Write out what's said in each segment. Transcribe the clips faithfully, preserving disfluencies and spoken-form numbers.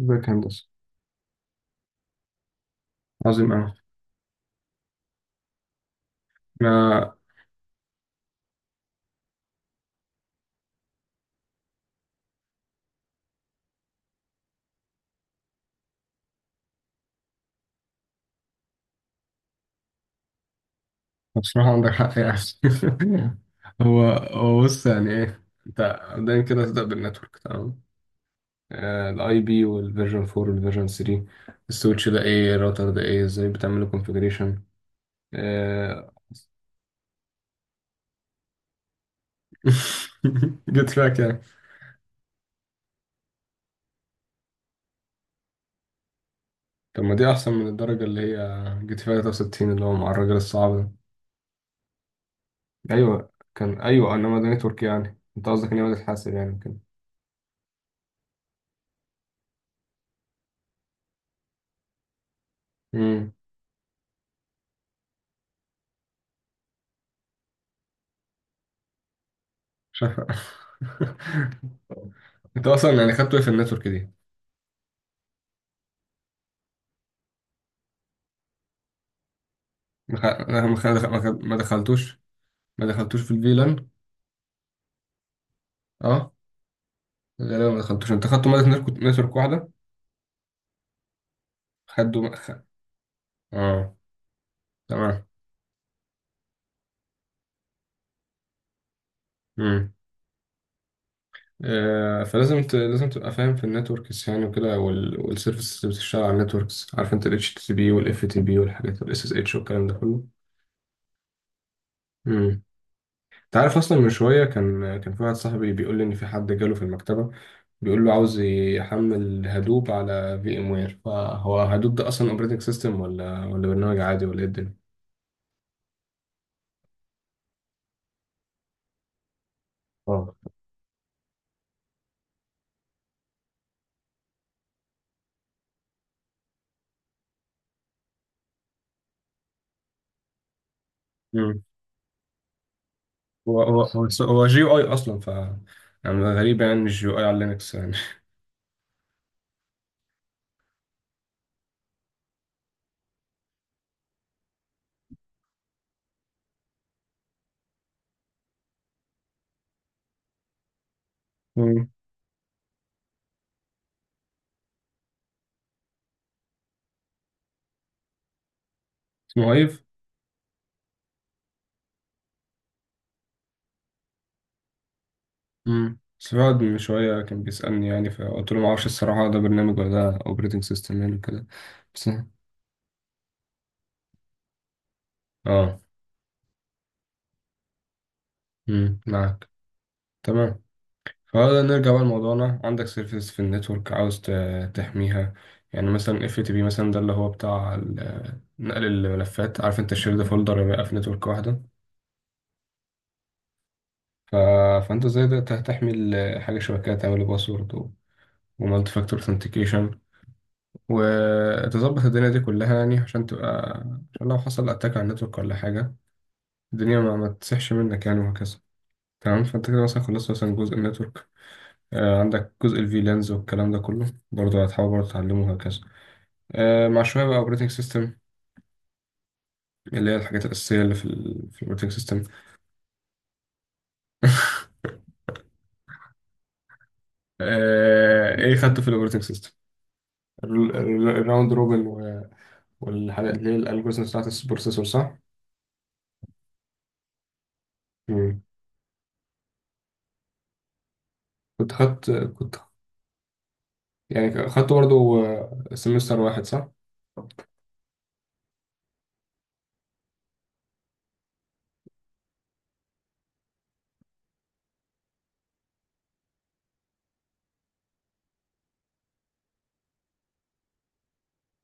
ازيك يا هندسة؟ عظيم أوي. ما بصراحة عندك حق يعني. هو هو بص، يعني إيه أنت. دايما كده تبدأ بالنتورك، تمام. الاي بي والفيرجن اربعة والفيرجن تلاتة. السويتش ده ايه؟ الراوتر ده ايه؟ ازاي بتعمل كونفيجريشن؟ جيت فيها كام؟ طب ما دي احسن من الدرجه اللي هي جيت فيها تلاتة وستين اللي هو مع الراجل الصعب. ده ايوه كان، ايوه انما ده نتورك. يعني انت قصدك ان هو بتتحاسب يعني كده. امم. انت اصلا يعني خدته ايه في النتورك دي؟ ما خ- ما خ- ما خ- ما دخلتوش. ما دخلتوش في الفيلان. اه. غالبا ما دخلتوش. انت خدته مادة نتورك نتورك واحدة. خدوا خ... اه، تمام. امم. آه فلازم ت... لازم تبقى فاهم في النتوركس يعني وكده، وال... والسيرفيسز اللي بتشتغل على النتوركس. عارف انت ال اتش تي تي بي وال اف تي بي والحاجات وال اس اس اتش والكلام ده كله. انت عارف اصلا، من شويه كان كان في واحد صاحبي بيقول لي ان في حد جاله في المكتبه، بيقول له عاوز يحمل هدوب على في ام وير. فهو هدوب ده اصلا اوبريتنج سيستم ولا ولا برنامج عادي ولا ايه الدنيا؟ اه. مم. هو هو هو هو جي يو اي اصلا، ف يعني غريب يعني، مش جي يو اي على لينكس يعني. مم. اسمه ايف. امم سعاد من شويه كان بيسالني، يعني فقلت له ما اعرفش الصراحه ده برنامج ولا ده اوبريتنج سيستم يعني كده. بس. اه. امم معاك، تمام. فهذا نرجع بقى لموضوعنا. عندك سيرفيس في النتورك عاوز ت- تحميها. يعني مثلا اف تي بي مثلا، ده اللي هو بتاع ال- نقل الملفات. عارف انت الشير ده، فولدر بقى في نتورك واحده. ف... فانت ازاي ده تحمي ال- حاجه شبكيه؟ تعمل باسورد ومالتي فاكتور اثنتيكيشن، وتظبط الدنيا دي كلها يعني عشان تبقى، عشان لو حصل اتاك على النتورك ولا حاجه الدنيا ما, ما تسحش منك يعني، وهكذا. تمام. فانت كده مثلا خلصت مثلا جزء النتورك. آه، عندك جزء الفي لانز والكلام ده كله برضه، هتحاول برضه تعلمه وهكذا. آه، مع شوية بقى اوبريتنج سيستم، اللي هي الحاجات الأساسية اللي في ال في الاوبريتنج سيستم. آه، ايه خدته في الاوبريتنج سيستم؟ الراوند روبن والحاجات اللي هي الالجوريزم بتاعت البروسيسور، صح؟ مم. كنت خدت كنت يعني خدته برضه سمستر واحد، صح؟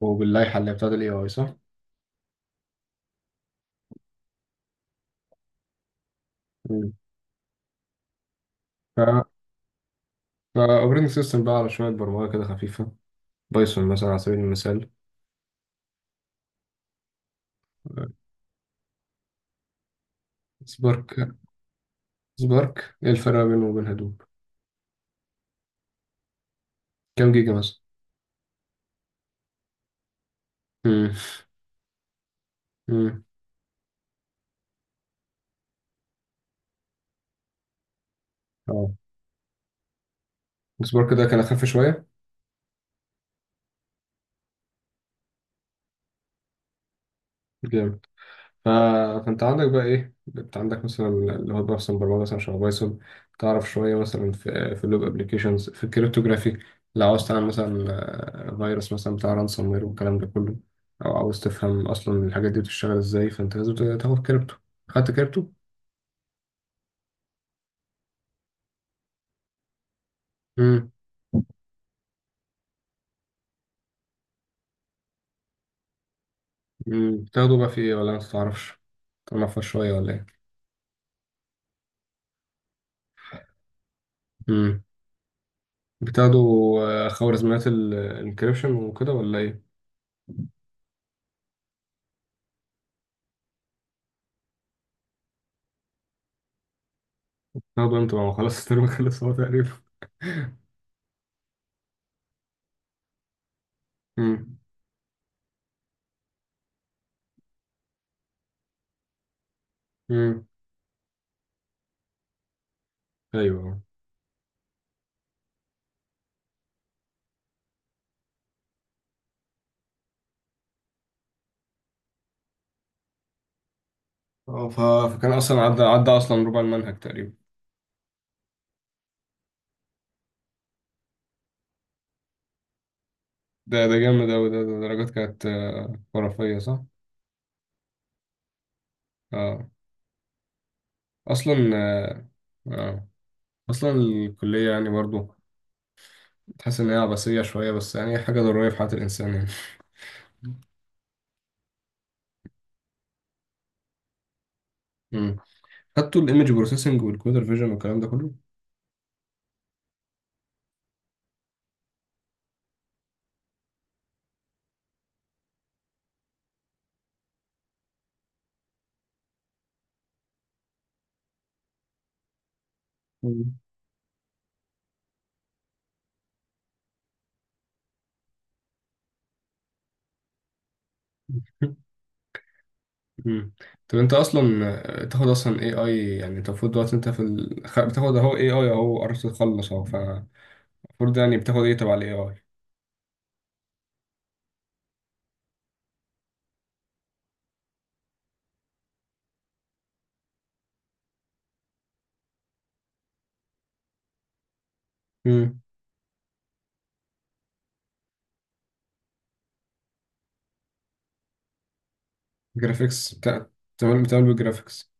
وباللائحة اللي بتاعت الاي اي، صح؟ مم. ف فاوبريتنج سيستم بقى على شوية برمجة كده خفيفة، بايثون مثلا على سبيل المثال. سبارك. سبارك ايه الفرق بينه وبين هدوب؟ كام جيجا مثلا؟ مم. مم. السبارك ده كان اخف شويه. جامد. ف... فانت عندك بقى ايه؟ انت عندك مثلا اللي هو بايثون، برمجه مثلا شبه بايثون. تعرف شويه مثلا في في اللوب ابلكيشنز، في الكريptography. لو عاوز تعمل مثلا، آه، فيروس مثلا بتاع رانسوم وير والكلام ده كله، او عاوز تفهم اصلا الحاجات دي بتشتغل ازاي، فانت لازم تاخد كريبتو. خدت كريبتو؟ امم. أمم. بتاخده بقى في ايه ولا ما تعرفش؟ تعرفها شويه ولا ايه؟ امم. بتاخده. آه، خوارزميات الانكريبشن وكده ولا ايه؟ برضه انت ما خلاص الترم خلص هو تقريبا. امم. امم. ايوه. اه. ف- فكان اصلا عدى عدى اصلا ربع المنهج تقريبا. ده ده جامد اوي، ده, ده درجات كانت آه، خرافيه، صح؟ اه. اصلا آه آه. اصلا الكليه يعني برضو، تحس ان هي عبثيه شويه، بس يعني هي حاجه ضروريه في حياه الانسان يعني. امم. خدتوا الايمج بروسيسنج والكمبيوتر فيجن والكلام ده كله؟ مم. مم. طب انت اصلا، آه، تاخد اصلا اي اي، يعني انت المفروض دلوقتي انت في ال... خ- بتاخد اهو اي اي اهو، قربت تخلص اهو، فالمفروض يعني بتاخد ايه تبع الاي اي؟ امم. جرافيكس بتاع. بتعمل بتعمل بالجرافيكس؟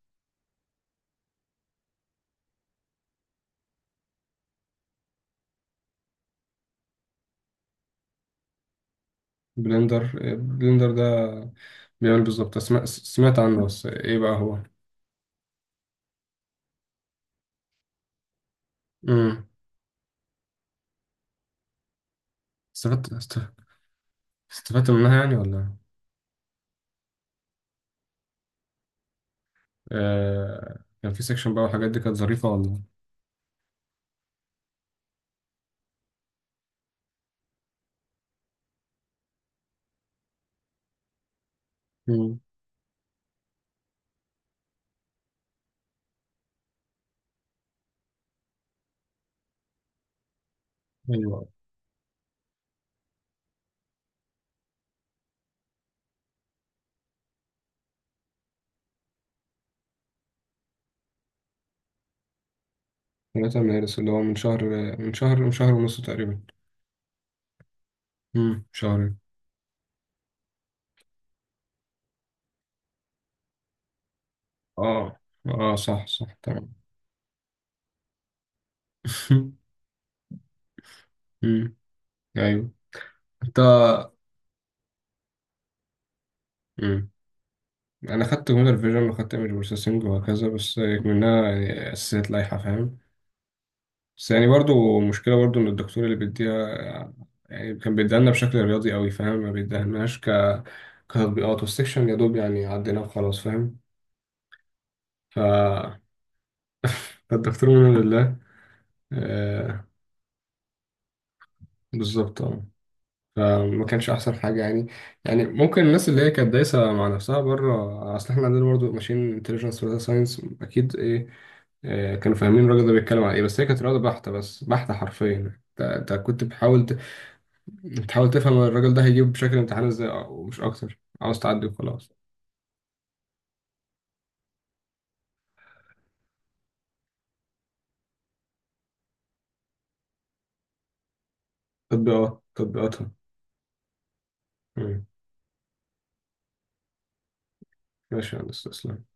بلندر. آه، بلندر ده بيعمل بالظبط؟ سمعت سمعت عنه، بس ايه بقى هو؟ امم. استفدت است- استفدت منها يعني ولا؟ آه... كان في سيكشن بقى والحاجات دي كانت ظريفة ولا؟ امم. ايوه. ثلاثة مدارس اللي هو من شهر. من شهر من شهر ونص تقريبا. امم شهر. اه. اه، صح صح تمام. أمم. ايوه. انت. أمم. انا خدت كمبيوتر فيجن وخدت ايمج بروسيسنج وهكذا، بس منها يعني اساسيات لائحه، فاهم. بس يعني برضو مشكله برضو ان الدكتور اللي بيديها، يعني كان بيديها لنا بشكل رياضي قوي فاهم، ما بيديهالناش ك كتطبيقات، والسكشن يا دوب يعني عدينا وخلاص، فاهم. ف فالدكتور من لله. آه، بالظبط، اه. فما كانش احسن حاجه يعني. يعني ممكن الناس اللي هي كانت دايسه مع نفسها بره، اصل احنا عندنا برضه ماشين انتليجنس وداتا ساينس اكيد. ايه، آه، كانوا فاهمين الراجل ده بيتكلم عن ايه، بس هي كانت رياضه بحته، بس بحته حرفيا. انت أنت كنت بتحاول ت- بتحاول تفهم الراجل ده هيجيب بشكل امتحان ازاي، أو- ومش اكتر عاوز تعدي وخلاص. تطبيقات تطبيقاتها. مم. ماشي يا هندسة، تسلم.